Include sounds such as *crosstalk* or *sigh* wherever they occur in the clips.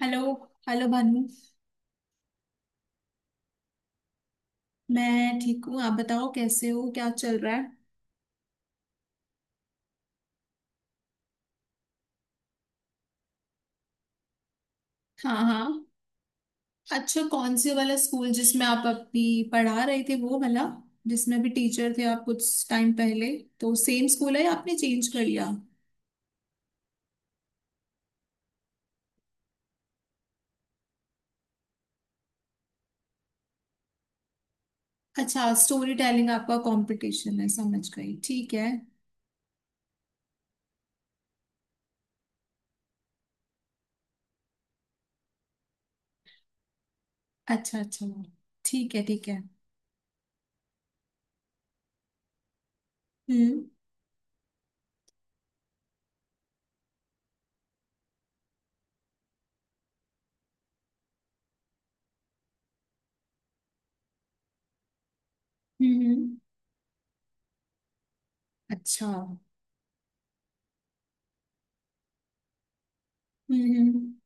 Hello. Hello Bhanu. मैं ठीक हूँ, आप बताओ कैसे हो, क्या चल रहा है। हाँ हाँ। अच्छा, कौन से वाला स्कूल जिसमें आप अभी पढ़ा रहे थे वो वाला, जिसमें अभी टीचर थे आप कुछ टाइम पहले, तो सेम स्कूल है या आपने चेंज कर लिया? अच्छा, स्टोरी टेलिंग आपका कंपटीशन है, समझ गई, ठीक है। अच्छा अच्छा। ठीक है ठीक है। हम्म हम्म हम्म, अच्छा हम्म। हम्म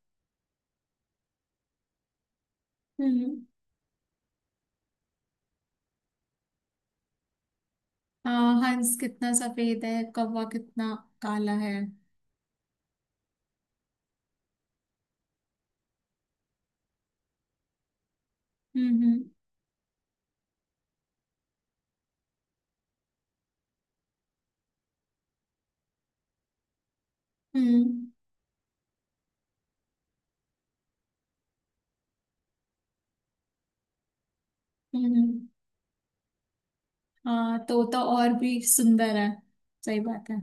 हम्म। हाँ, हंस कितना सफेद है, कौवा कितना काला है। हम्म हम्म। हम्म हम्म। हाँ, तोता और भी सुंदर है। सही बात है।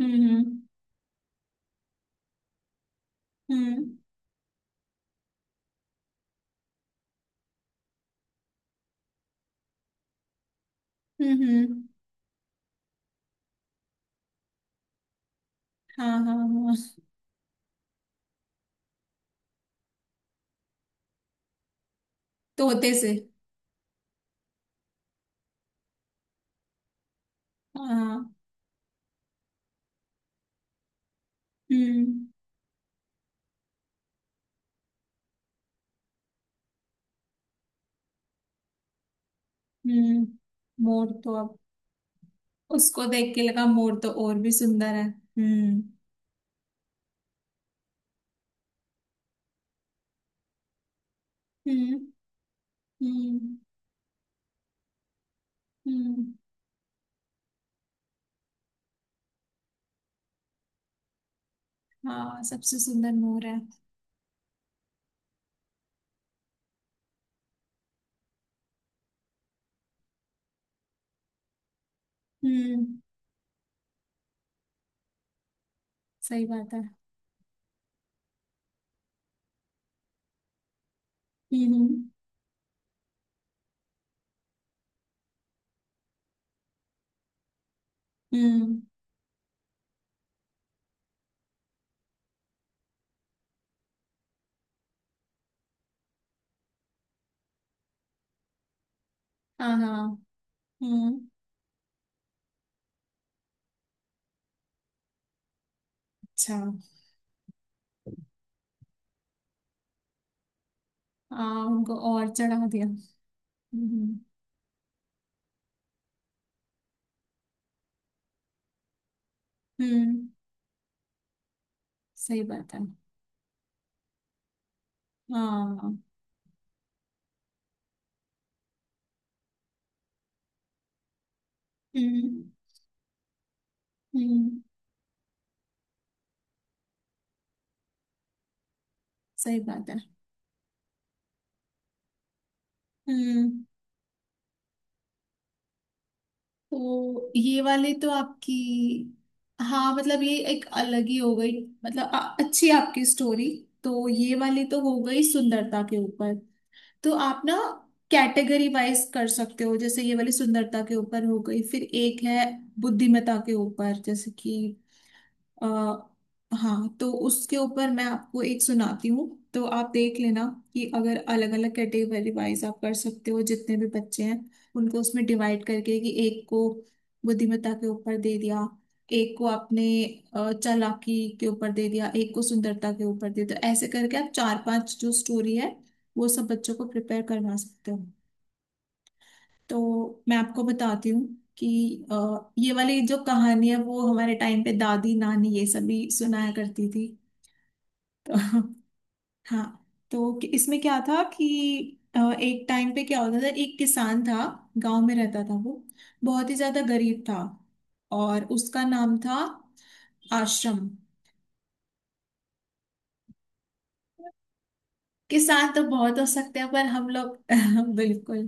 हम्म हम्म हम्म हम्म। हाँ हाँ हाँ। तोते से। हाँ। हम्म हम्म। मोर तो अब उसको देख के लगा मोर तो और भी सुंदर है। हम्म हम्म हम्म। हाँ, सबसे सुंदर मोर है। हम्म। सही बात है। हम्म हम्म हम्म, हाँ हाँ। हम्म। अच्छा। हाँ, उनको और चढ़ा दिया। हम्म। हम्म। सही बात है। हाँ। हम्म हम्म। सही बात है। हम्म। तो ये वाले तो आपकी। हाँ, मतलब ये एक अलग ही हो गई। मतलब अच्छी आपकी स्टोरी। तो ये वाली तो हो गई सुंदरता के ऊपर। तो आप ना कैटेगरी वाइज कर सकते हो, जैसे ये वाली सुंदरता के ऊपर हो गई, फिर एक है बुद्धिमत्ता के ऊपर, जैसे कि अ, हाँ, तो उसके ऊपर मैं आपको एक सुनाती हूँ। तो आप देख लेना कि अगर अलग अलग कैटेगरी वाइज आप कर सकते हो, जितने भी बच्चे हैं उनको उसमें डिवाइड करके, कि एक को बुद्धिमत्ता के ऊपर दे दिया, एक को आपने चालाकी के ऊपर दे दिया, एक को सुंदरता के ऊपर दे दिया, तो ऐसे करके आप चार पांच जो स्टोरी है वो सब बच्चों को प्रिपेयर करवा सकते हो। तो मैं आपको बताती हूँ कि ये वाली जो कहानी है वो हमारे टाइम पे दादी नानी ये सभी सुनाया करती थी। *laughs* तो हाँ, तो इसमें क्या था कि एक टाइम पे क्या होता था, एक किसान था, गांव में रहता था वो, बहुत ही ज्यादा गरीब था। और उसका नाम था आश्रम। किसान तो बहुत हो सकते हैं पर हम लोग *laughs* बिल्कुल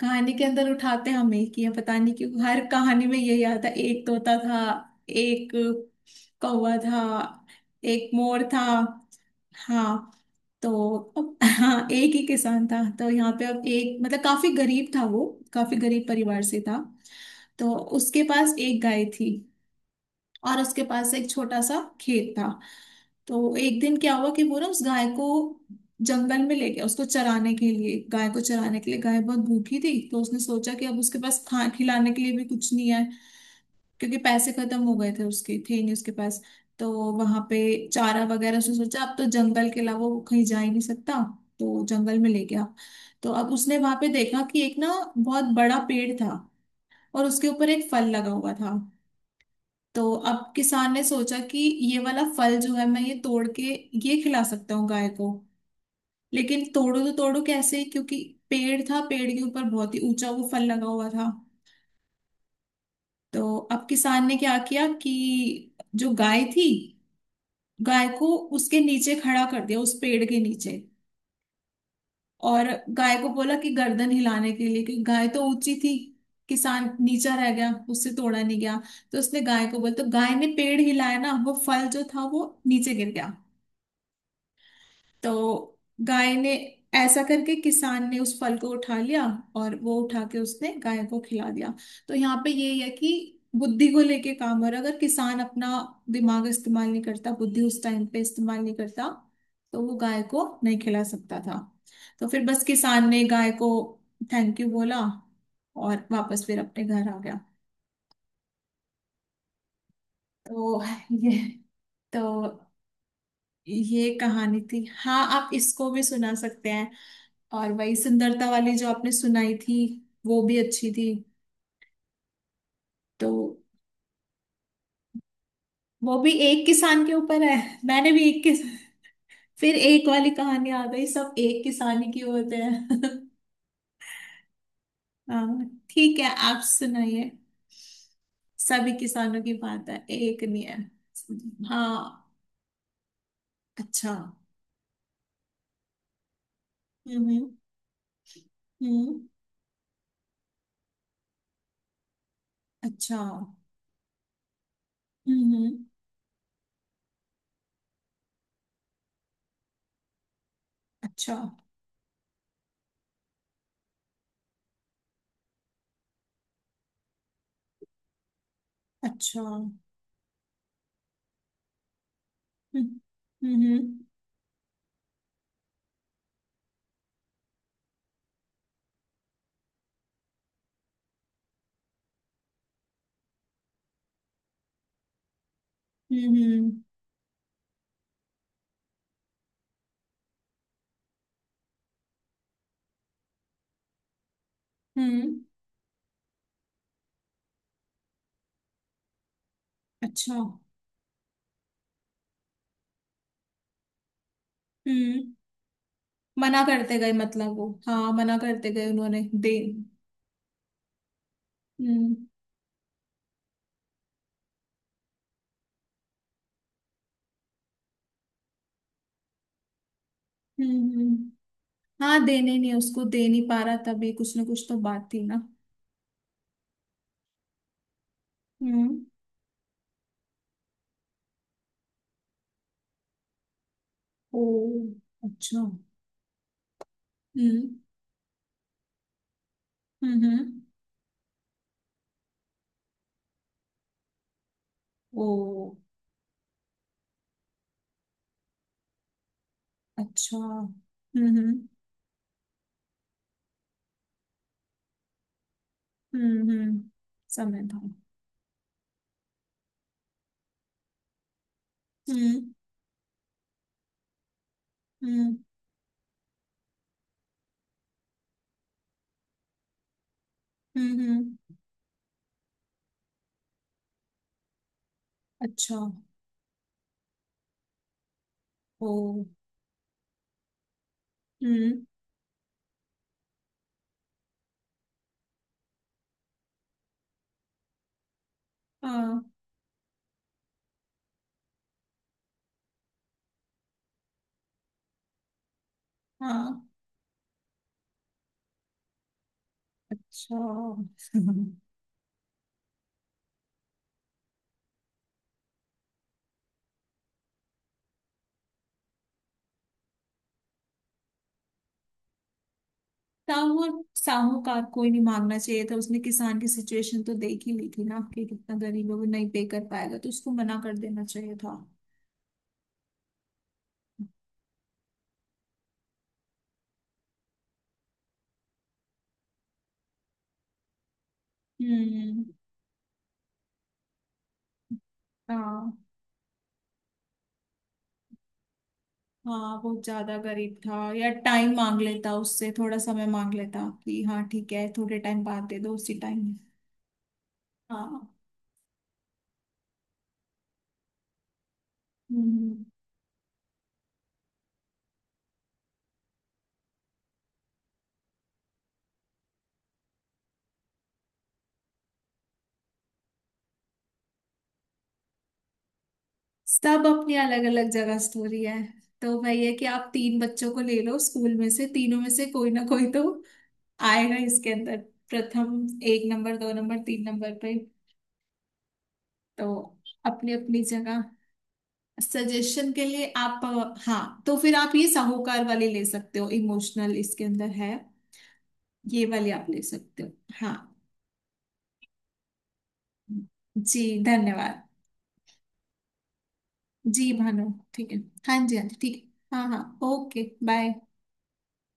कहानी के अंदर उठाते हम एक ही है, पता नहीं क्यों हर कहानी में यही आता है, एक तोता था, एक कौवा था, एक मोर था। हाँ। तो अब *laughs* हाँ, एक ही किसान था, तो यहाँ पे अब एक मतलब काफी गरीब था वो, काफी गरीब परिवार से था। तो उसके पास एक गाय थी और उसके पास एक छोटा सा खेत था। तो एक दिन क्या हुआ कि वो ना उस गाय को जंगल में ले गया उसको चराने के लिए, गाय को चराने के लिए। गाय बहुत भूखी थी तो उसने सोचा कि अब उसके पास खा खिलाने के लिए भी कुछ नहीं है, क्योंकि पैसे खत्म हो गए थे, उसके थे नहीं उसके पास। तो वहां पे चारा वगैरह, उसने सोचा अब तो जंगल के अलावा वो कहीं जा ही नहीं सकता, तो जंगल में ले गया। तो अब उसने वहां पे देखा कि एक ना बहुत बड़ा पेड़ था, और उसके ऊपर एक फल लगा हुआ था। तो अब किसान ने सोचा कि ये वाला फल जो है मैं ये तोड़ के ये खिला सकता हूँ गाय को, लेकिन तोड़ो तो तोड़ो कैसे, क्योंकि पेड़ था, पेड़ के ऊपर बहुत ही ऊंचा वो फल लगा हुआ था। तो अब किसान ने क्या किया कि जो गाय थी, गाय को उसके नीचे खड़ा कर दिया, उस पेड़ के नीचे। और गाय को बोला कि गर्दन हिलाने के लिए, क्योंकि गाय तो ऊंची थी, किसान नीचा रह गया, उससे तोड़ा नहीं गया। तो उसने गाय को बोला, तो गाय ने पेड़ हिलाया ना, वो फल जो था वो नीचे गिर गया। तो गाय ने ऐसा करके, किसान ने उस फल को उठा लिया, और वो उठा के उसने गाय को खिला दिया। तो यहाँ पे ये है कि बुद्धि को लेके काम हो रहा है। अगर किसान अपना दिमाग इस्तेमाल नहीं करता, बुद्धि उस टाइम पे इस्तेमाल नहीं करता, तो वो गाय को नहीं खिला सकता था। तो फिर बस किसान ने गाय को थैंक यू बोला, और वापस फिर अपने घर आ गया। तो ये तो ये कहानी थी। हाँ, आप इसको भी सुना सकते हैं। और वही सुंदरता वाली जो आपने सुनाई थी वो भी अच्छी थी। तो वो भी एक किसान के ऊपर है। मैंने भी एक किस फिर एक वाली कहानी आ गई, सब एक किसान ही के होते हैं। *laughs* हाँ ठीक है, आप सुनाइए। सभी किसानों की बात है, एक नहीं है। हाँ। अच्छा। हम्म हम्म। अच्छा। हम्म। अच्छा। अच्छा। हम्म। हम्म हम्म। अच्छा। हम्म। मना करते गए मतलब वो, हाँ मना करते गए, उन्होंने दे। हम्म हम्म हम्म। हाँ, देने नहीं, उसको दे नहीं पा रहा, तभी कुछ ना कुछ तो बात थी ना। हम्म। ओ। अच्छा। हम्म हम्म हम्म, ओ अच्छा। हम्म। हम्म हम्म, समय था। हम्म। हम्म हम्म हम्म, अच्छा। ओ। हम्म। हाँ हाँ। अच्छा। *laughs* साहूकार को ही नहीं मांगना चाहिए था, उसने किसान की सिचुएशन तो देख ही ली थी ना कि कितना गरीब है, वो नहीं पे कर पाएगा, तो उसको मना कर देना चाहिए था। हम्म। हाँ हाँ, बहुत ज्यादा गरीब था, या टाइम मांग लेता उससे, थोड़ा समय मांग लेता कि हाँ ठीक है, थोड़े टाइम बाद दे दो उसी टाइम। हाँ। हम्म। सब अपनी अलग अलग जगह स्टोरी है। तो भाई है कि आप तीन बच्चों को ले लो स्कूल में से, तीनों में से कोई ना कोई तो आएगा इसके अंदर, प्रथम, एक नंबर दो नंबर तीन नंबर पे। तो अपनी अपनी जगह। सजेशन के लिए आप, हाँ तो फिर आप ये साहूकार वाली ले सकते हो, इमोशनल इसके अंदर है। ये वाली आप ले सकते हो। हाँ जी धन्यवाद। जी भानु ठीक है। हाँ जी हाँ जी, ठीक है। हाँ हाँ, ओके बाय।